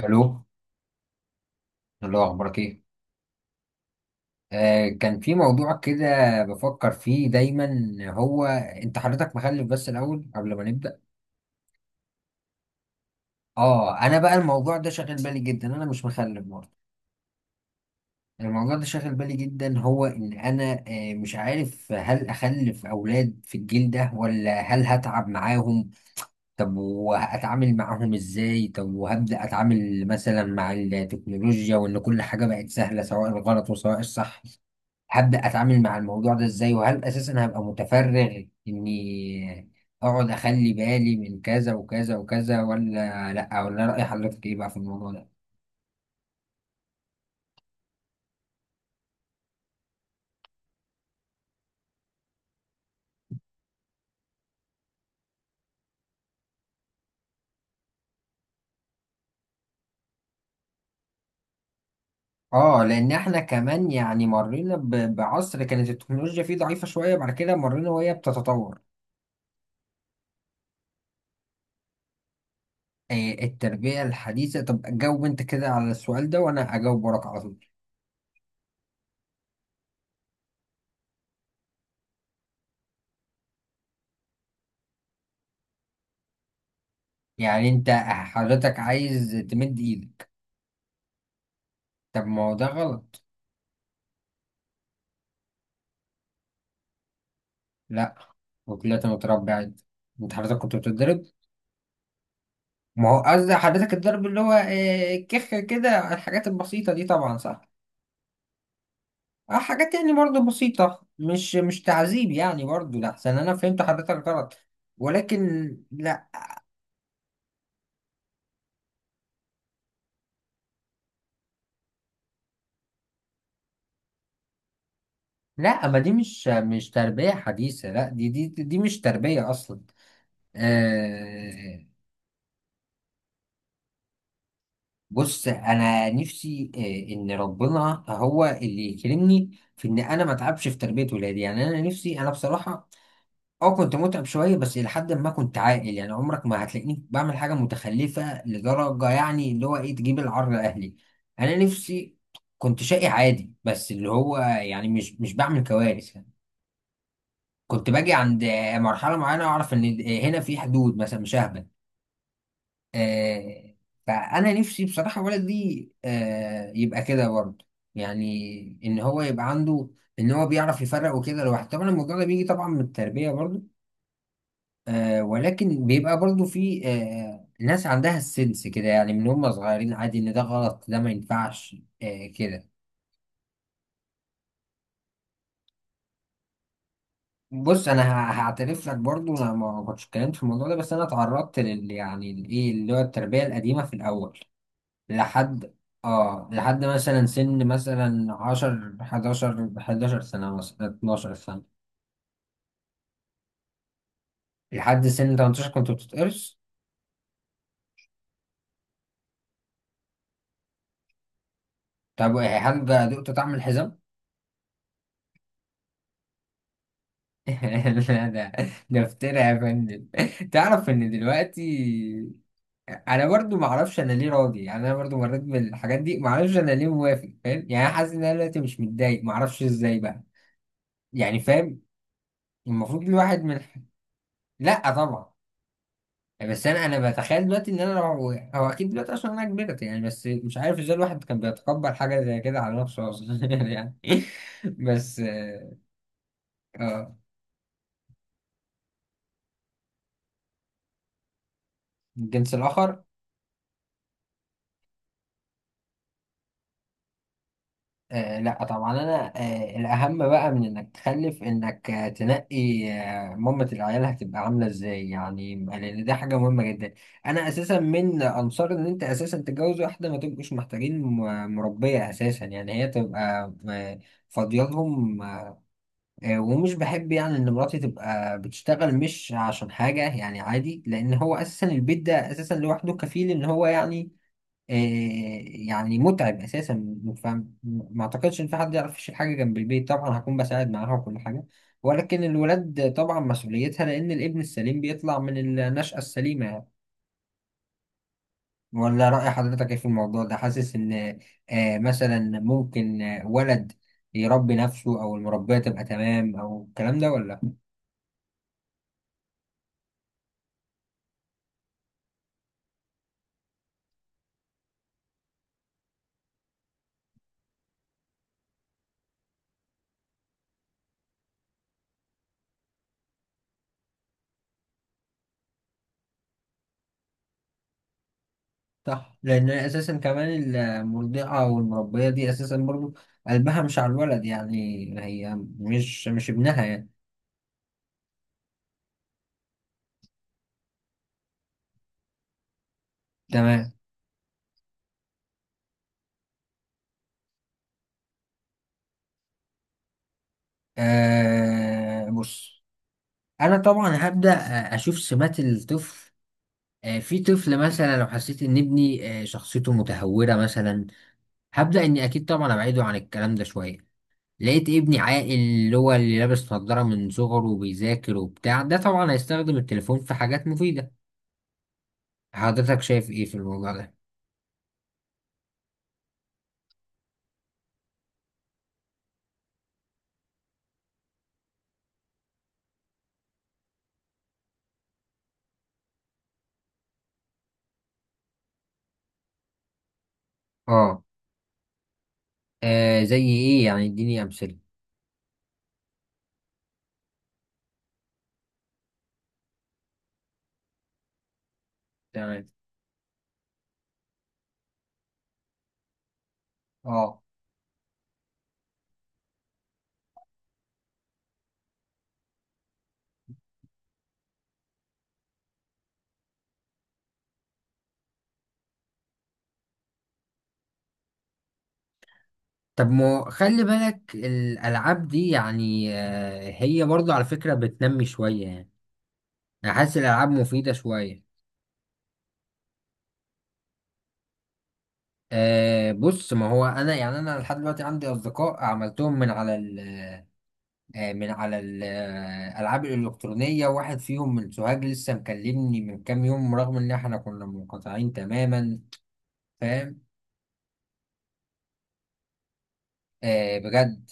الو. الله، اخبارك ايه؟ آه، كان في موضوع كده بفكر فيه دايما. هو انت حضرتك مخلف بس الاول قبل ما نبدا؟ اه انا بقى الموضوع ده شاغل بالي جدا، انا مش مخلف برضه. الموضوع ده شاغل بالي جدا، هو ان انا مش عارف هل اخلف اولاد في الجيل ده ولا هل هتعب معاهم؟ طب وهتعامل معاهم ازاي؟ طب وهبدا اتعامل مثلا مع التكنولوجيا وان كل حاجه بقت سهله، سواء الغلط وسواء الصح؟ هبدأ أتعامل مع الموضوع ده إزاي؟ وهل أساسا هبقى متفرغ إني أقعد أخلي بالي من كذا وكذا وكذا ولا لأ؟ ولا رأي حضرتك إيه بقى في الموضوع ده؟ آه، لأن إحنا كمان يعني مرينا بعصر كانت التكنولوجيا فيه ضعيفة شوية، بعد كده مرينا وهي بتتطور. آه، التربية الحديثة. طب جاوب أنت كده على السؤال ده وأنا أجاوب وراك على طول. يعني أنت حضرتك عايز تمد إيدك؟ طب ما هو ده غلط. لأ. وطلعت متربع؟ أنت حضرتك كنت بتتضرب؟ ما هو قصدي حضرتك الضرب اللي هو الكخ كده، الحاجات البسيطة دي طبعا صح. اه، حاجات يعني برضه بسيطة، مش مش تعذيب يعني برضه، لأحسن أنا فهمت حضرتك غلط. ولكن لا لا، ما دي مش مش تربية حديثة، لا دي دي مش تربية أصلا. آه، بص، أنا نفسي آه إن ربنا هو اللي يكرمني في إن أنا ما أتعبش في تربية ولادي. يعني أنا نفسي أنا بصراحة اه كنت متعب شوية، بس إلى حد ما كنت عاقل. يعني عمرك ما هتلاقيني بعمل حاجة متخلفة لدرجة يعني اللي هو إيه، تجيب العار لأهلي. أنا نفسي كنت شقي عادي بس اللي هو يعني مش مش بعمل كوارث يعني. كنت باجي عند مرحلة معينة أعرف إن هنا في حدود، مثلا مش ههبل. آه، فأنا نفسي بصراحة ولدي يبقى كده برضه، يعني إن هو يبقى عنده إن هو بيعرف يفرق وكده لوحده. طبعا الموضوع ده بيجي طبعا من التربية برضه. آه، ولكن بيبقى برضو في ناس عندها السنس كده، يعني من هم صغيرين عادي ان ده غلط، ده ما ينفعش. آه كده. بص، انا هعترف لك برضو، انا ما كنتش اتكلمت في الموضوع ده، بس انا اتعرضت لل يعني الايه اللي هو التربية القديمة في الاول. لحد اه لحد مثلا سن مثلا 10 11 سنة مثلا 12 سنة. لحد سن 18 كنت بتتقرص؟ طب هل بقى دقت طعم الحزام؟ لا ده، ده افترا يا فندم. تعرف ان دلوقتي انا برضو ما اعرفش انا ليه راضي. يعني انا برضو مريت بالحاجات دي، ما اعرفش انا ليه موافق. فاهم يعني؟ انا حاسس ان انا دلوقتي مش متضايق، ما اعرفش ازاي بقى. يعني فاهم، المفروض الواحد من... لا طبعا. بس انا بتخيل دلوقتي ان انا لو... هو اكيد دلوقتي عشان انا كبرت يعني، بس مش عارف ازاي الواحد كان بيتقبل حاجه زي كده على نفسه اصلا يعني. بس اه. الجنس الاخر؟ آه لا طبعا، انا آه الاهم بقى من انك تخلف انك آه تنقي آه مامة العيال هتبقى عامله ازاي، يعني لان دي حاجه مهمه جدا. انا اساسا من انصار ان انت اساسا تتجوز واحده ما تبقوش محتاجين مربيه اساسا، يعني هي تبقى فاضيه لهم. آه، ومش بحب يعني ان مراتي تبقى بتشتغل، مش عشان حاجه يعني عادي، لان هو اساسا البيت ده اساسا لوحده كفيل ان هو يعني آه، يعني متعب اساسا، فاهم؟ ما اعتقدش ان في حد يعرف يشيل حاجه جنب البيت. طبعا هكون بساعد معاها وكل حاجه، ولكن الولاد طبعا مسؤوليتها، لان الابن السليم بيطلع من النشأة السليمه يعني. ولا رأي حضرتك ايه في الموضوع ده؟ حاسس ان مثلا ممكن ولد يربي نفسه، او المربيه تبقى تمام، او الكلام ده؟ ولا صح لان اساسا كمان المرضعه والمربيه دي اساسا برضو قلبها مش على الولد يعني، هي مش مش ابنها يعني. تمام. بص، انا طبعا هبدا اشوف سمات الطفل. في طفل مثلا لو حسيت ان ابني آه شخصيته متهوره مثلا، هبدا اني اكيد طبعا ابعده عن الكلام ده شويه. لقيت ابني عاقل اللي هو اللي لابس نظاره من صغره وبيذاكر وبتاع ده، طبعا هيستخدم التليفون في حاجات مفيده. حضرتك شايف ايه في الموضوع ده؟ اه. آه زي ايه يعني؟ اديني امثله. تمام. اه. طب ما خلي بالك الألعاب دي يعني، هي برضو على فكرة بتنمي شوية يعني. أنا حاسس الألعاب مفيدة شوية. أه بص، ما هو أنا يعني أنا لحد دلوقتي عندي أصدقاء عملتهم من على ال من على الألعاب الإلكترونية، واحد فيهم من سوهاج لسه مكلمني من كام يوم رغم إن إحنا كنا منقطعين تماما. فاهم؟ أه بجد.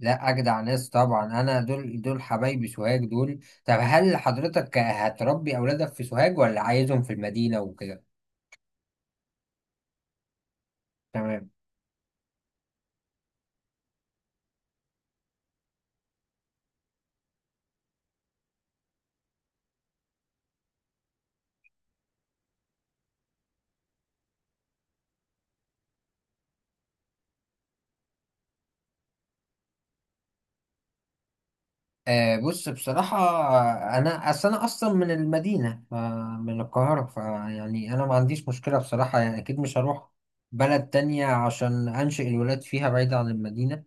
لا اجدع ناس طبعا، انا دول حبايبي سوهاج دول. طب هل حضرتك هتربي اولادك في سوهاج ولا عايزهم في المدينة وكده؟ تمام. آه بص، بصراحة انا اصل انا اصلا من المدينة من القاهرة، فيعني انا ما عنديش مشكلة بصراحة، يعني اكيد مش هروح بلد تانية عشان انشئ الولاد فيها بعيد عن المدينة.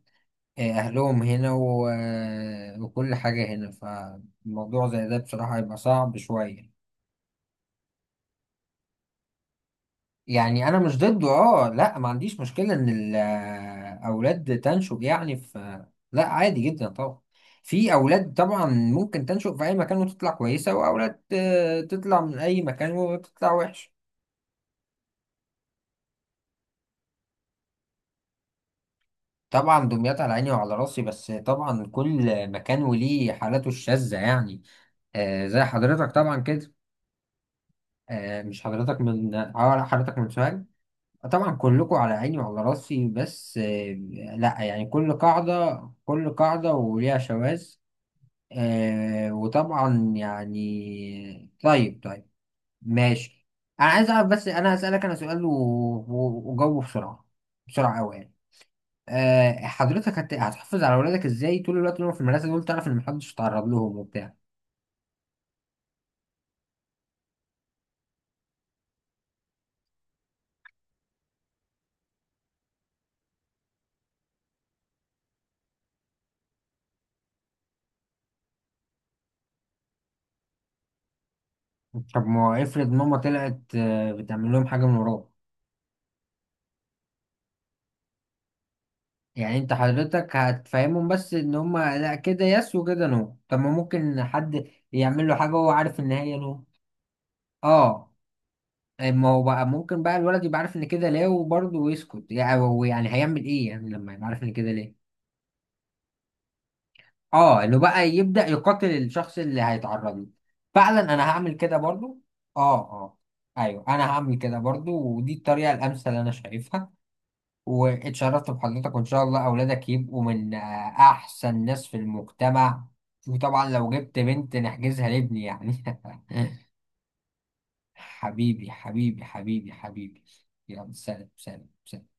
اهلهم هنا وكل حاجة هنا، فالموضوع زي ده بصراحة هيبقى صعب شوية. يعني انا مش ضده، اه لا، ما عنديش مشكله ان الاولاد تنشب يعني في... لا عادي جدا طبعا، في اولاد طبعا ممكن تنشب في اي مكان وتطلع كويسه، واولاد تطلع من اي مكان وتطلع وحش. طبعا دمياط على عيني وعلى راسي، بس طبعا كل مكان وليه حالاته الشاذه يعني. زي حضرتك طبعا كده. مش حضرتك من حضرتك من سوهاج؟ طبعا كلكم على عيني وعلى راسي، بس لا يعني كل قاعدة وليها شواذ. وطبعا يعني، طيب طيب. ماشي. انا عايز اعرف، بس انا هسألك انا سؤال وجاوبه بسرعة، بسرعة قوي يعني. حضرتك هتحافظ على اولادك ازاي طول الوقت وهم في المدرسة دول؟ تعرف ان محدش يتعرض لهم وبتاع. طب ما افرض ماما طلعت بتعمل لهم حاجة من وراك؟ يعني انت حضرتك هتفهمهم بس ان هما لا كده يس وكده نو، طب ما ممكن حد يعمل له حاجة وهو عارف ان هي نو؟ اه. ما هو بقى ممكن بقى الولد يبقى عارف ان كده لا وبرضه ويسكت، يعني هو يعني هيعمل ايه يعني لما يبقى عارف ان كده ليه؟ اه، انه بقى يبدأ يقاتل الشخص اللي هيتعرض له. فعلا انا هعمل كده برضه. اه اه. ايوه، انا هعمل كده برضه، ودي الطريقة الامثل انا شايفها. واتشرفت بحضرتك، وان شاء الله اولادك يبقوا من احسن ناس في المجتمع. وطبعا لو جبت بنت نحجزها لابني يعني حبيبي حبيبي حبيبي حبيبي. يلا سلام سلام سلام.